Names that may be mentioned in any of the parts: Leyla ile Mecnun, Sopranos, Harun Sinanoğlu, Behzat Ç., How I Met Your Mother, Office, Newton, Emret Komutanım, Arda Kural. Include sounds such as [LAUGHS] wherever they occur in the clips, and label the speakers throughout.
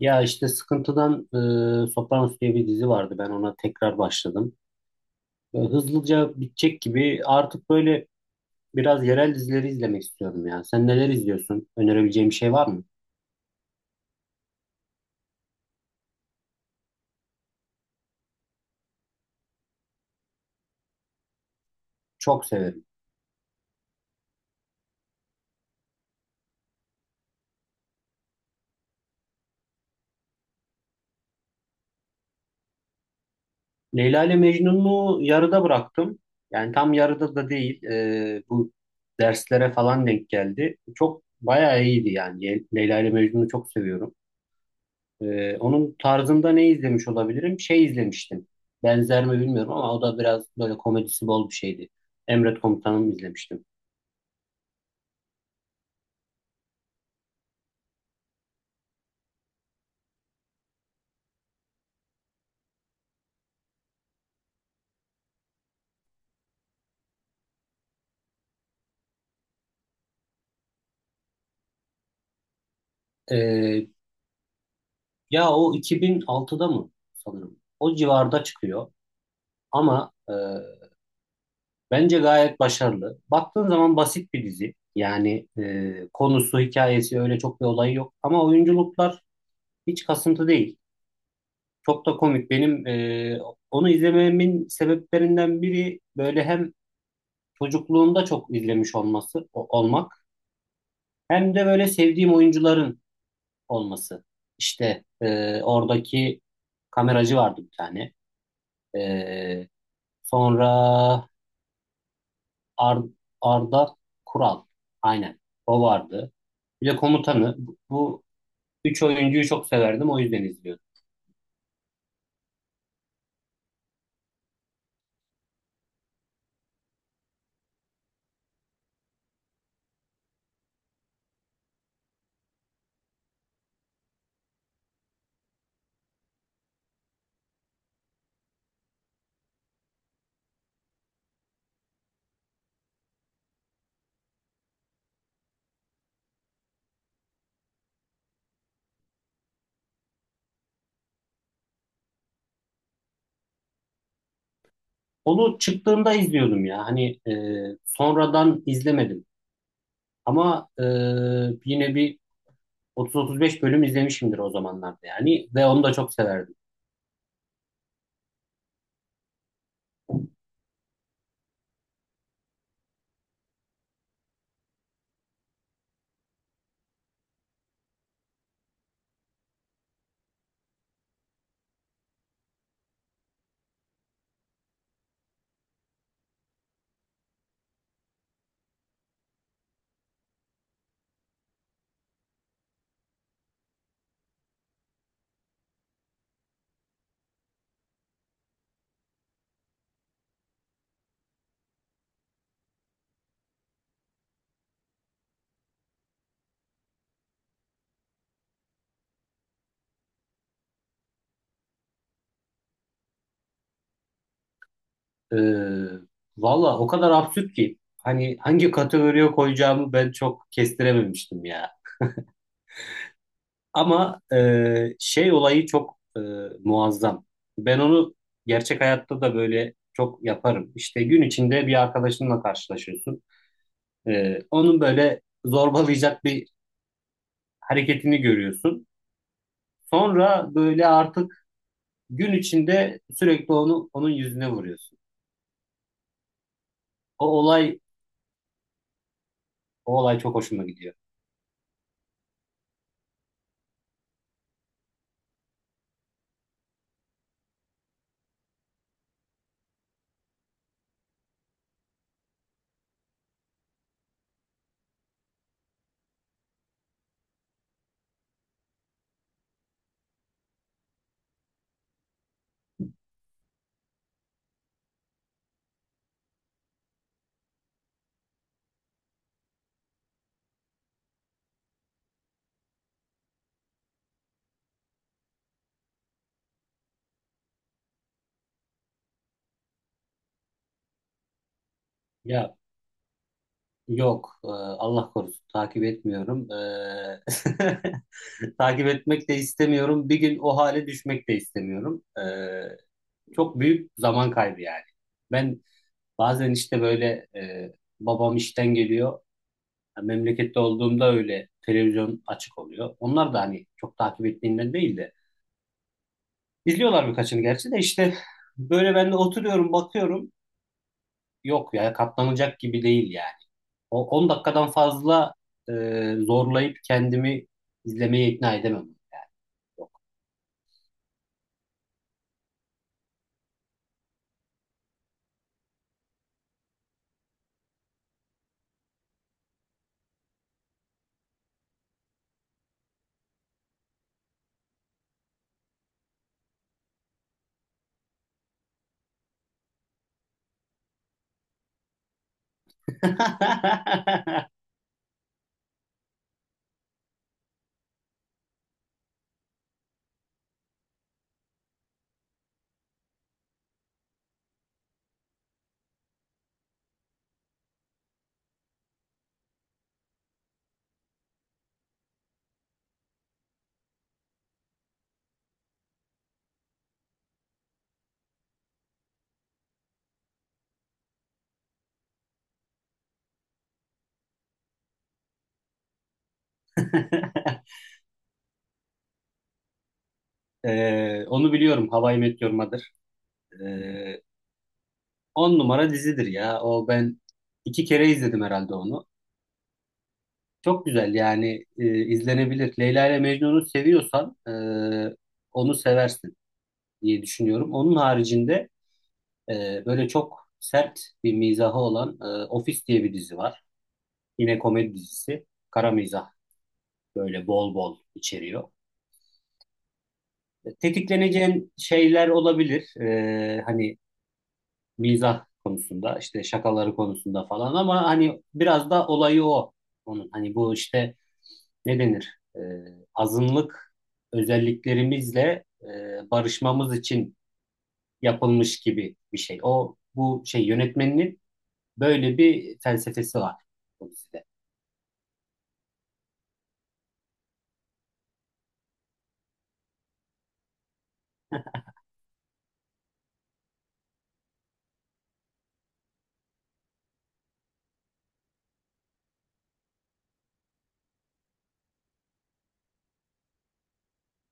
Speaker 1: Ya işte Sıkıntı'dan Sopranos diye bir dizi vardı. Ben ona tekrar başladım. Hızlıca bitecek gibi artık böyle biraz yerel dizileri izlemek istiyorum ya. Sen neler izliyorsun? Önerebileceğim bir şey var mı? Çok severim. Leyla ile Mecnun'u yarıda bıraktım. Yani tam yarıda da değil. Bu derslere falan denk geldi. Çok bayağı iyiydi yani. Leyla ile Mecnun'u çok seviyorum. Onun tarzında ne izlemiş olabilirim? Şey izlemiştim. Benzer mi bilmiyorum ama o da biraz böyle komedisi bol bir şeydi. Emret Komutanım izlemiştim. Ee, Ya o 2006'da mı sanırım? O civarda çıkıyor ama bence gayet başarılı. Baktığın zaman basit bir dizi. Yani konusu, hikayesi öyle çok bir olayı yok. Ama oyunculuklar hiç kasıntı değil. Çok da komik. Benim onu izlememin sebeplerinden biri böyle hem çocukluğumda çok izlemiş olması olmak hem de böyle sevdiğim oyuncuların olması. İşte oradaki kameracı vardı bir tane. E, Sonra Ar- Arda Kural. Aynen. O vardı. Bir de komutanı. Bu üç oyuncuyu çok severdim. O yüzden izliyordum. Onu çıktığında izliyordum ya. Hani sonradan izlemedim. Ama yine bir 30-35 bölüm izlemişimdir o zamanlarda yani ve onu da çok severdim. Ee, Valla o kadar absürt ki hani hangi kategoriye koyacağımı ben çok kestirememiştim ya. Ama şey olayı çok muazzam. Ben onu gerçek hayatta da böyle çok yaparım. İşte gün içinde bir arkadaşınla karşılaşıyorsun. Onun böyle zorbalayacak bir hareketini görüyorsun. Sonra böyle artık gün içinde sürekli onun yüzüne vuruyorsun. O olay O olay çok hoşuma gidiyor. Ya yok, Allah korusun, takip etmiyorum. [LAUGHS] Takip etmek de istemiyorum. Bir gün o hale düşmek de istemiyorum. Çok büyük zaman kaybı yani. Ben bazen işte böyle babam işten geliyor. Ya memlekette olduğumda öyle televizyon açık oluyor. Onlar da hani çok takip ettiğimden değil de. İzliyorlar birkaçını gerçi de işte böyle ben de oturuyorum bakıyorum. Yok ya, katlanacak gibi değil yani. O 10 dakikadan fazla e, zorlayıp kendimi izlemeye ikna edemem. Yani yok. [LAUGHS] Onu biliyorum. How I Met Your Mother. E, 10 numara dizidir ya. O ben iki kere izledim herhalde onu. Çok güzel yani, izlenebilir. Leyla ile Mecnun'u seviyorsan onu seversin diye düşünüyorum. Onun haricinde böyle çok sert bir mizahı olan Office diye bir dizi var. Yine komedi dizisi. Kara mizah böyle bol bol içeriyor. Tetikleneceğin şeyler olabilir. Hani mizah konusunda, işte şakaları konusunda falan, ama hani biraz da olayı o. Onun hani bu işte ne denir? Azınlık özelliklerimizle barışmamız için yapılmış gibi bir şey. O bu şey yönetmeninin böyle bir felsefesi var bu dizide.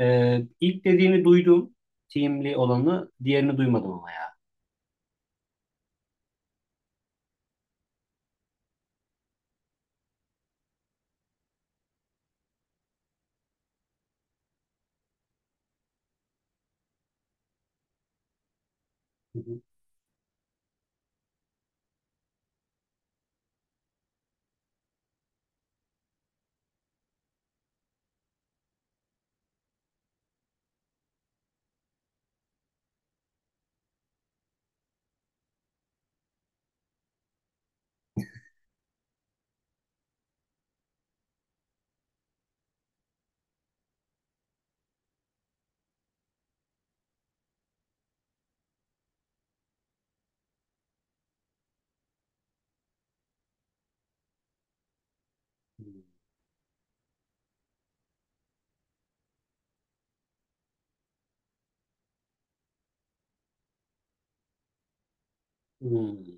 Speaker 1: İlk dediğini duydum. Teamli olanı, diğerini duymadım ama ya. Hı hı. Hmm.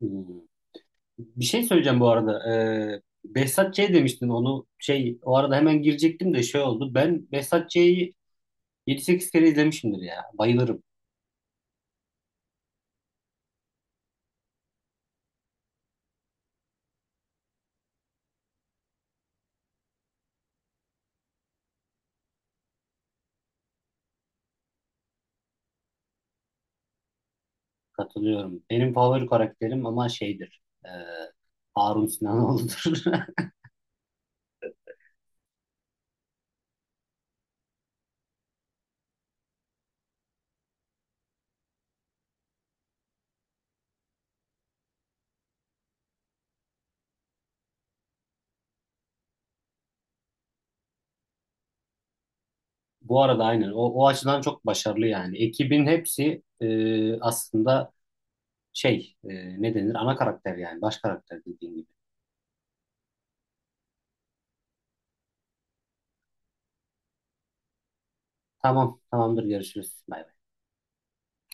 Speaker 1: Hmm. Bir şey söyleyeceğim bu arada. Behzat Ç. demiştin, onu şey o arada hemen girecektim de şey oldu. Ben Behzat Ç'yi 7-8 kere izlemişimdir ya. Bayılırım. Katılıyorum. Benim favori karakterim ama şeydir. Harun Sinanoğlu'dur. [LAUGHS] Bu arada aynen. O açıdan çok başarılı yani. Ekibin hepsi aslında şey ne denir? Ana karakter yani. Baş karakter dediğin gibi. Tamam. Tamamdır. Görüşürüz. Bye.